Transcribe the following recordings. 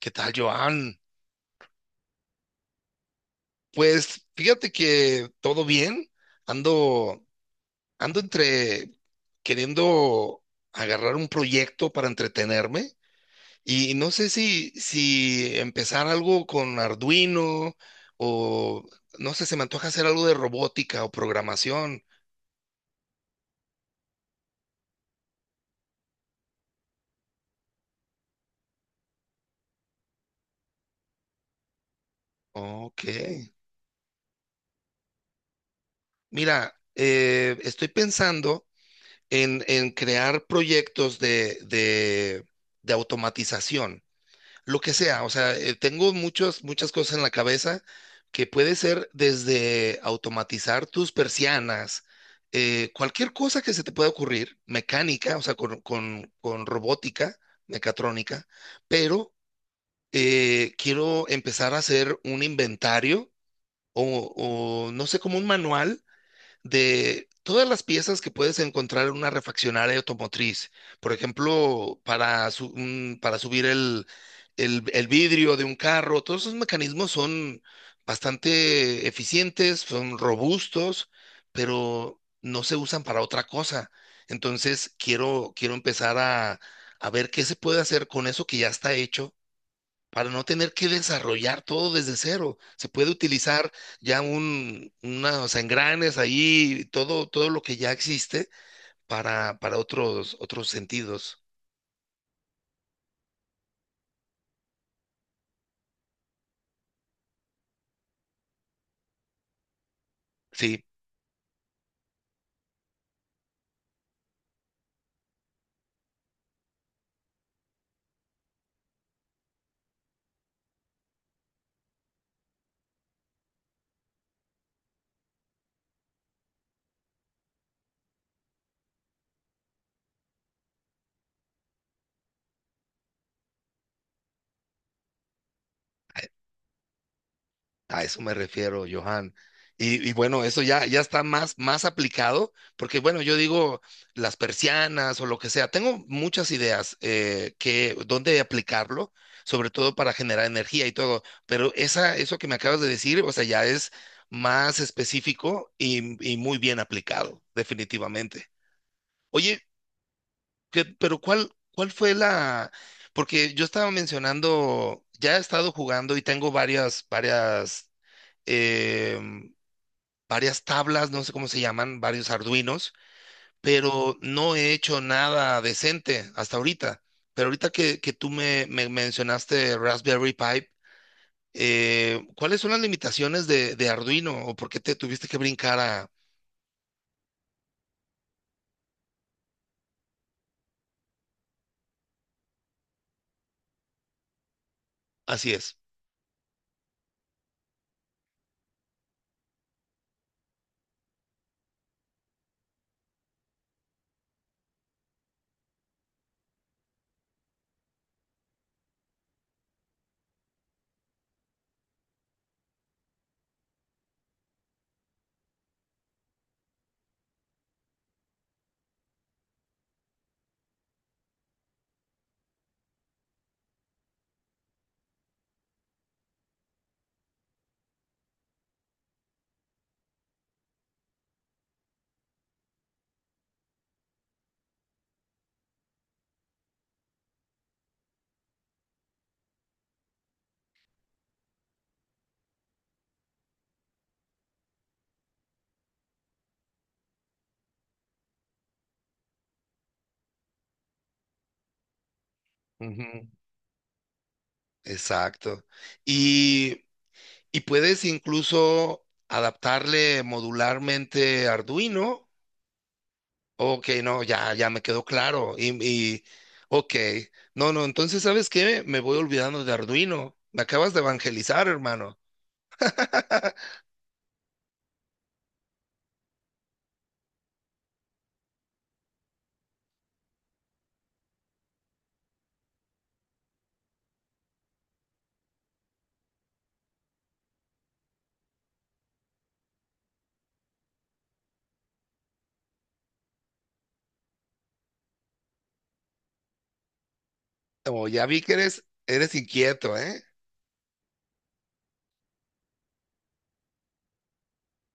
¿Qué tal, Joan? Pues fíjate que todo bien. Ando, ando entre queriendo agarrar un proyecto para entretenerme y no sé si empezar algo con Arduino o no sé, se me antoja hacer algo de robótica o programación. Ok. Mira, estoy pensando en crear proyectos de automatización. Lo que sea, o sea, tengo muchas cosas en la cabeza que puede ser desde automatizar tus persianas, cualquier cosa que se te pueda ocurrir, mecánica, o sea, con robótica, mecatrónica, pero quiero empezar a hacer un inventario o, o no sé, como un manual de todas las piezas que puedes encontrar en una refaccionaria automotriz. Por ejemplo, para subir el vidrio de un carro, todos esos mecanismos son bastante eficientes, son robustos, pero no se usan para otra cosa. Entonces, quiero empezar a ver qué se puede hacer con eso que ya está hecho para no tener que desarrollar todo desde cero. Se puede utilizar ya unos engranes ahí, todo lo que ya existe para otros sentidos. Sí, a eso me refiero, Johan. Y bueno, eso ya está más aplicado, porque bueno, yo digo las persianas o lo que sea. Tengo muchas ideas que dónde aplicarlo, sobre todo para generar energía y todo. Pero esa, eso que me acabas de decir, o sea, ya es más específico y muy bien aplicado, definitivamente. Oye, ¿cuál, cuál fue la? Porque yo estaba mencionando, ya he estado jugando y tengo em, varias tablas, no sé cómo se llaman, varios Arduinos, pero no he hecho nada decente hasta ahorita. Pero ahorita que tú me mencionaste Raspberry Pi, ¿cuáles son las limitaciones de Arduino o por qué te tuviste que brincar a... Así es. Ujú, exacto. Y, y puedes incluso adaptarle modularmente Arduino. Ok, no, ya me quedó claro. Y, ok, no, no, entonces, ¿sabes qué? Me voy olvidando de Arduino. Me acabas de evangelizar, hermano. Como ya vi que eres inquieto, ¿eh?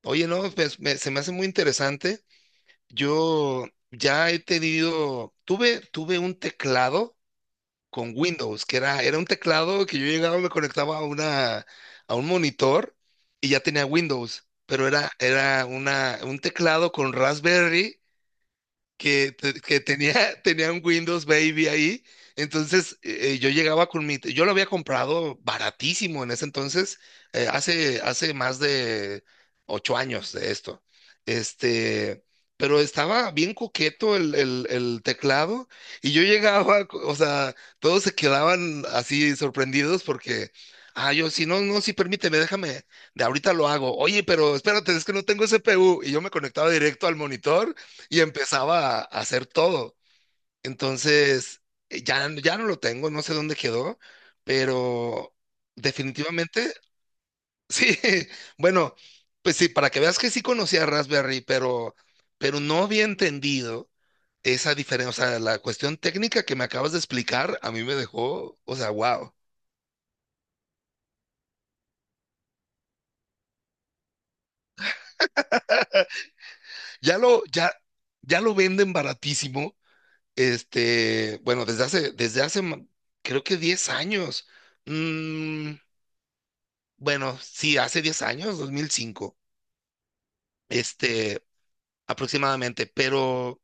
Oye, no, pues, se me hace muy interesante. Yo tuve un teclado con Windows, que era un teclado que yo llegaba, me conectaba a a un monitor y ya tenía Windows, pero era un teclado con Raspberry que tenía, tenía un Windows Baby ahí. Entonces yo llegaba con mi, yo lo había comprado baratísimo en ese entonces, hace más de 8 años de esto. Este, pero estaba bien coqueto el teclado y yo llegaba, o sea, todos se quedaban así sorprendidos porque, ah, yo, si no, no, sí, permíteme, déjame, de ahorita lo hago. Oye, pero espérate, es que no tengo CPU y yo me conectaba directo al monitor y empezaba a hacer todo. Entonces, ya no lo tengo, no sé dónde quedó, pero definitivamente, sí, bueno, pues sí, para que veas que sí conocía Raspberry, pero no había entendido esa diferencia, o sea, la cuestión técnica que me acabas de explicar, a mí me dejó, o sea, wow. Ya, ya lo venden baratísimo, este, bueno, desde hace, creo que 10 años. Mm, bueno, sí, hace 10 años, 2005, este, aproximadamente, pero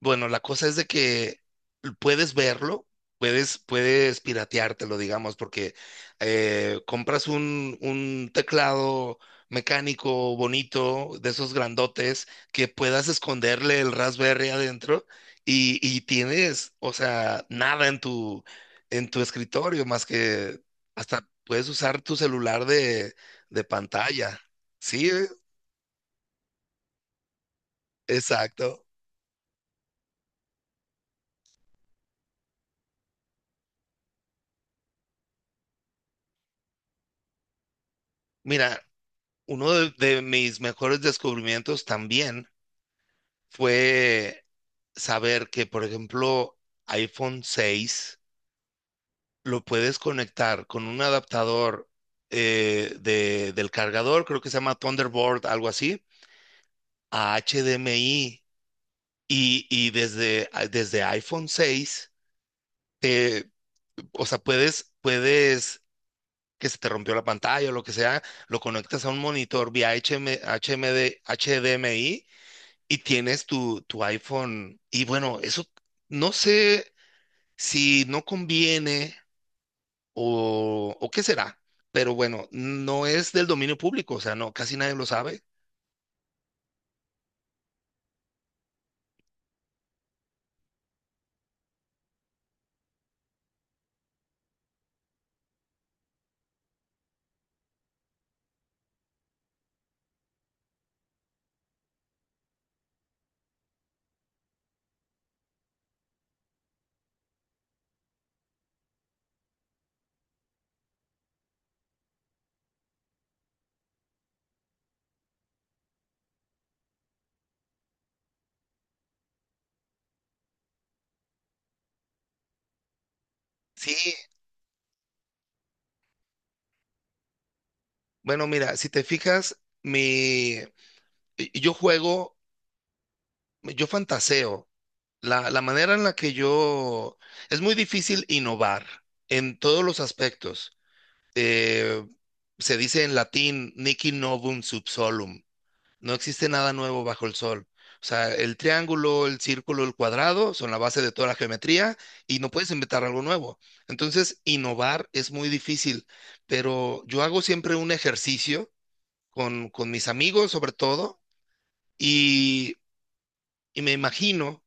bueno, la cosa es de que puedes verlo, puedes pirateártelo, digamos, porque compras un teclado mecánico bonito, de esos grandotes, que puedas esconderle el Raspberry adentro y tienes, o sea, nada en tu, en tu escritorio, más que hasta puedes usar tu celular de pantalla. Sí, exacto. Mira, uno de mis mejores descubrimientos también fue saber que, por ejemplo, iPhone 6 lo puedes conectar con un adaptador del cargador, creo que se llama Thunderbolt, algo así, a HDMI y desde iPhone 6, eh, o sea, puedes que se te rompió la pantalla o lo que sea, lo conectas a un monitor vía HM HMD HDMI y tienes tu, tu iPhone. Y bueno, eso no sé si no conviene o qué será, pero bueno, no es del dominio público, o sea, no, casi nadie lo sabe. Sí, bueno, mira, si te fijas, mi, yo juego, yo fantaseo. La manera en la que yo... Es muy difícil innovar en todos los aspectos. Eh, Se dice en latín, niki novum sub solum. No existe nada nuevo bajo el sol. O sea, el triángulo, el círculo, el cuadrado son la base de toda la geometría y no puedes inventar algo nuevo. Entonces, innovar es muy difícil, pero yo hago siempre un ejercicio con mis amigos sobre todo y, y me imagino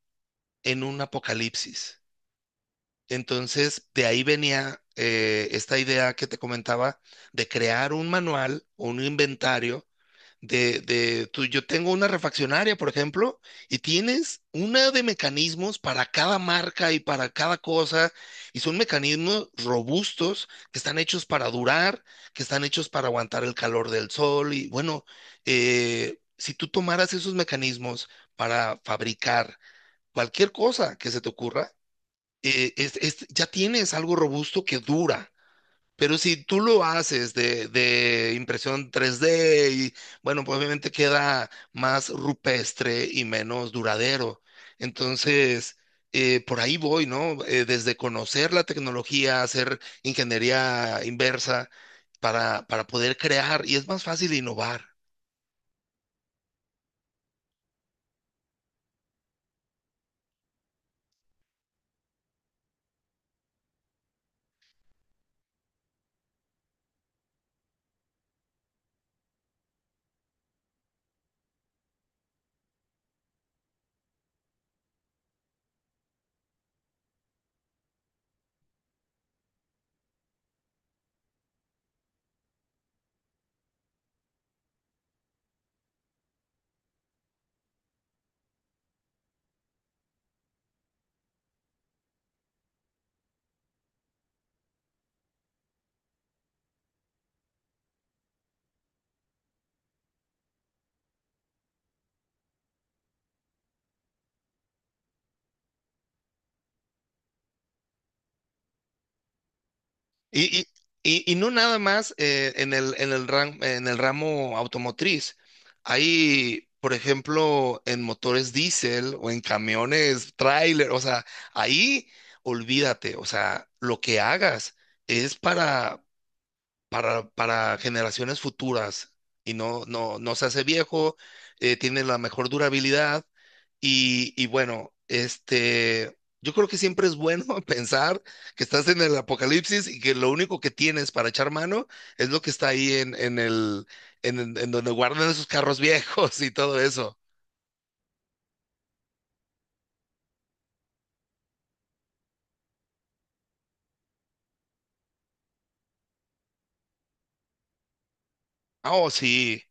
en un apocalipsis. Entonces, de ahí venía esta idea que te comentaba de crear un manual o un inventario de tú, yo tengo una refaccionaria, por ejemplo, y tienes una de mecanismos para cada marca y para cada cosa, y son mecanismos robustos que están hechos para durar, que están hechos para aguantar el calor del sol, y bueno, si tú tomaras esos mecanismos para fabricar cualquier cosa que se te ocurra, ya tienes algo robusto que dura. Pero si tú lo haces de impresión 3D y bueno, pues obviamente queda más rupestre y menos duradero. Entonces, por ahí voy, ¿no? Desde conocer la tecnología, hacer ingeniería inversa para poder crear y es más fácil innovar. Y, no nada más en el ramo automotriz. Hay, por ejemplo, en motores diésel o en camiones, tráiler, o sea, ahí olvídate, o sea, lo que hagas es para generaciones futuras y no se hace viejo, tiene la mejor durabilidad y bueno, este, yo creo que siempre es bueno pensar que estás en el apocalipsis y que lo único que tienes para echar mano es lo que está ahí en el, en donde guardan esos carros viejos y todo eso. Ah, oh, sí.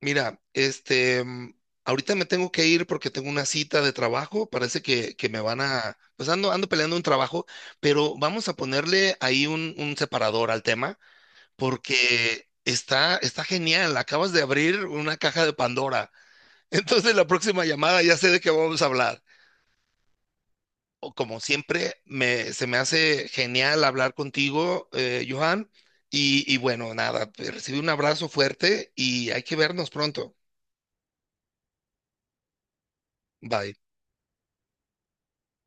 Mira, este, mm, ahorita me tengo que ir porque tengo una cita de trabajo. Parece que me van a, pues ando peleando un trabajo, pero vamos a ponerle ahí un separador al tema porque está, está genial. Acabas de abrir una caja de Pandora. Entonces la próxima llamada ya sé de qué vamos a hablar. O como siempre, me, se me hace genial hablar contigo, Johan. Y bueno, nada, te recibí un abrazo fuerte y hay que vernos pronto. Bye.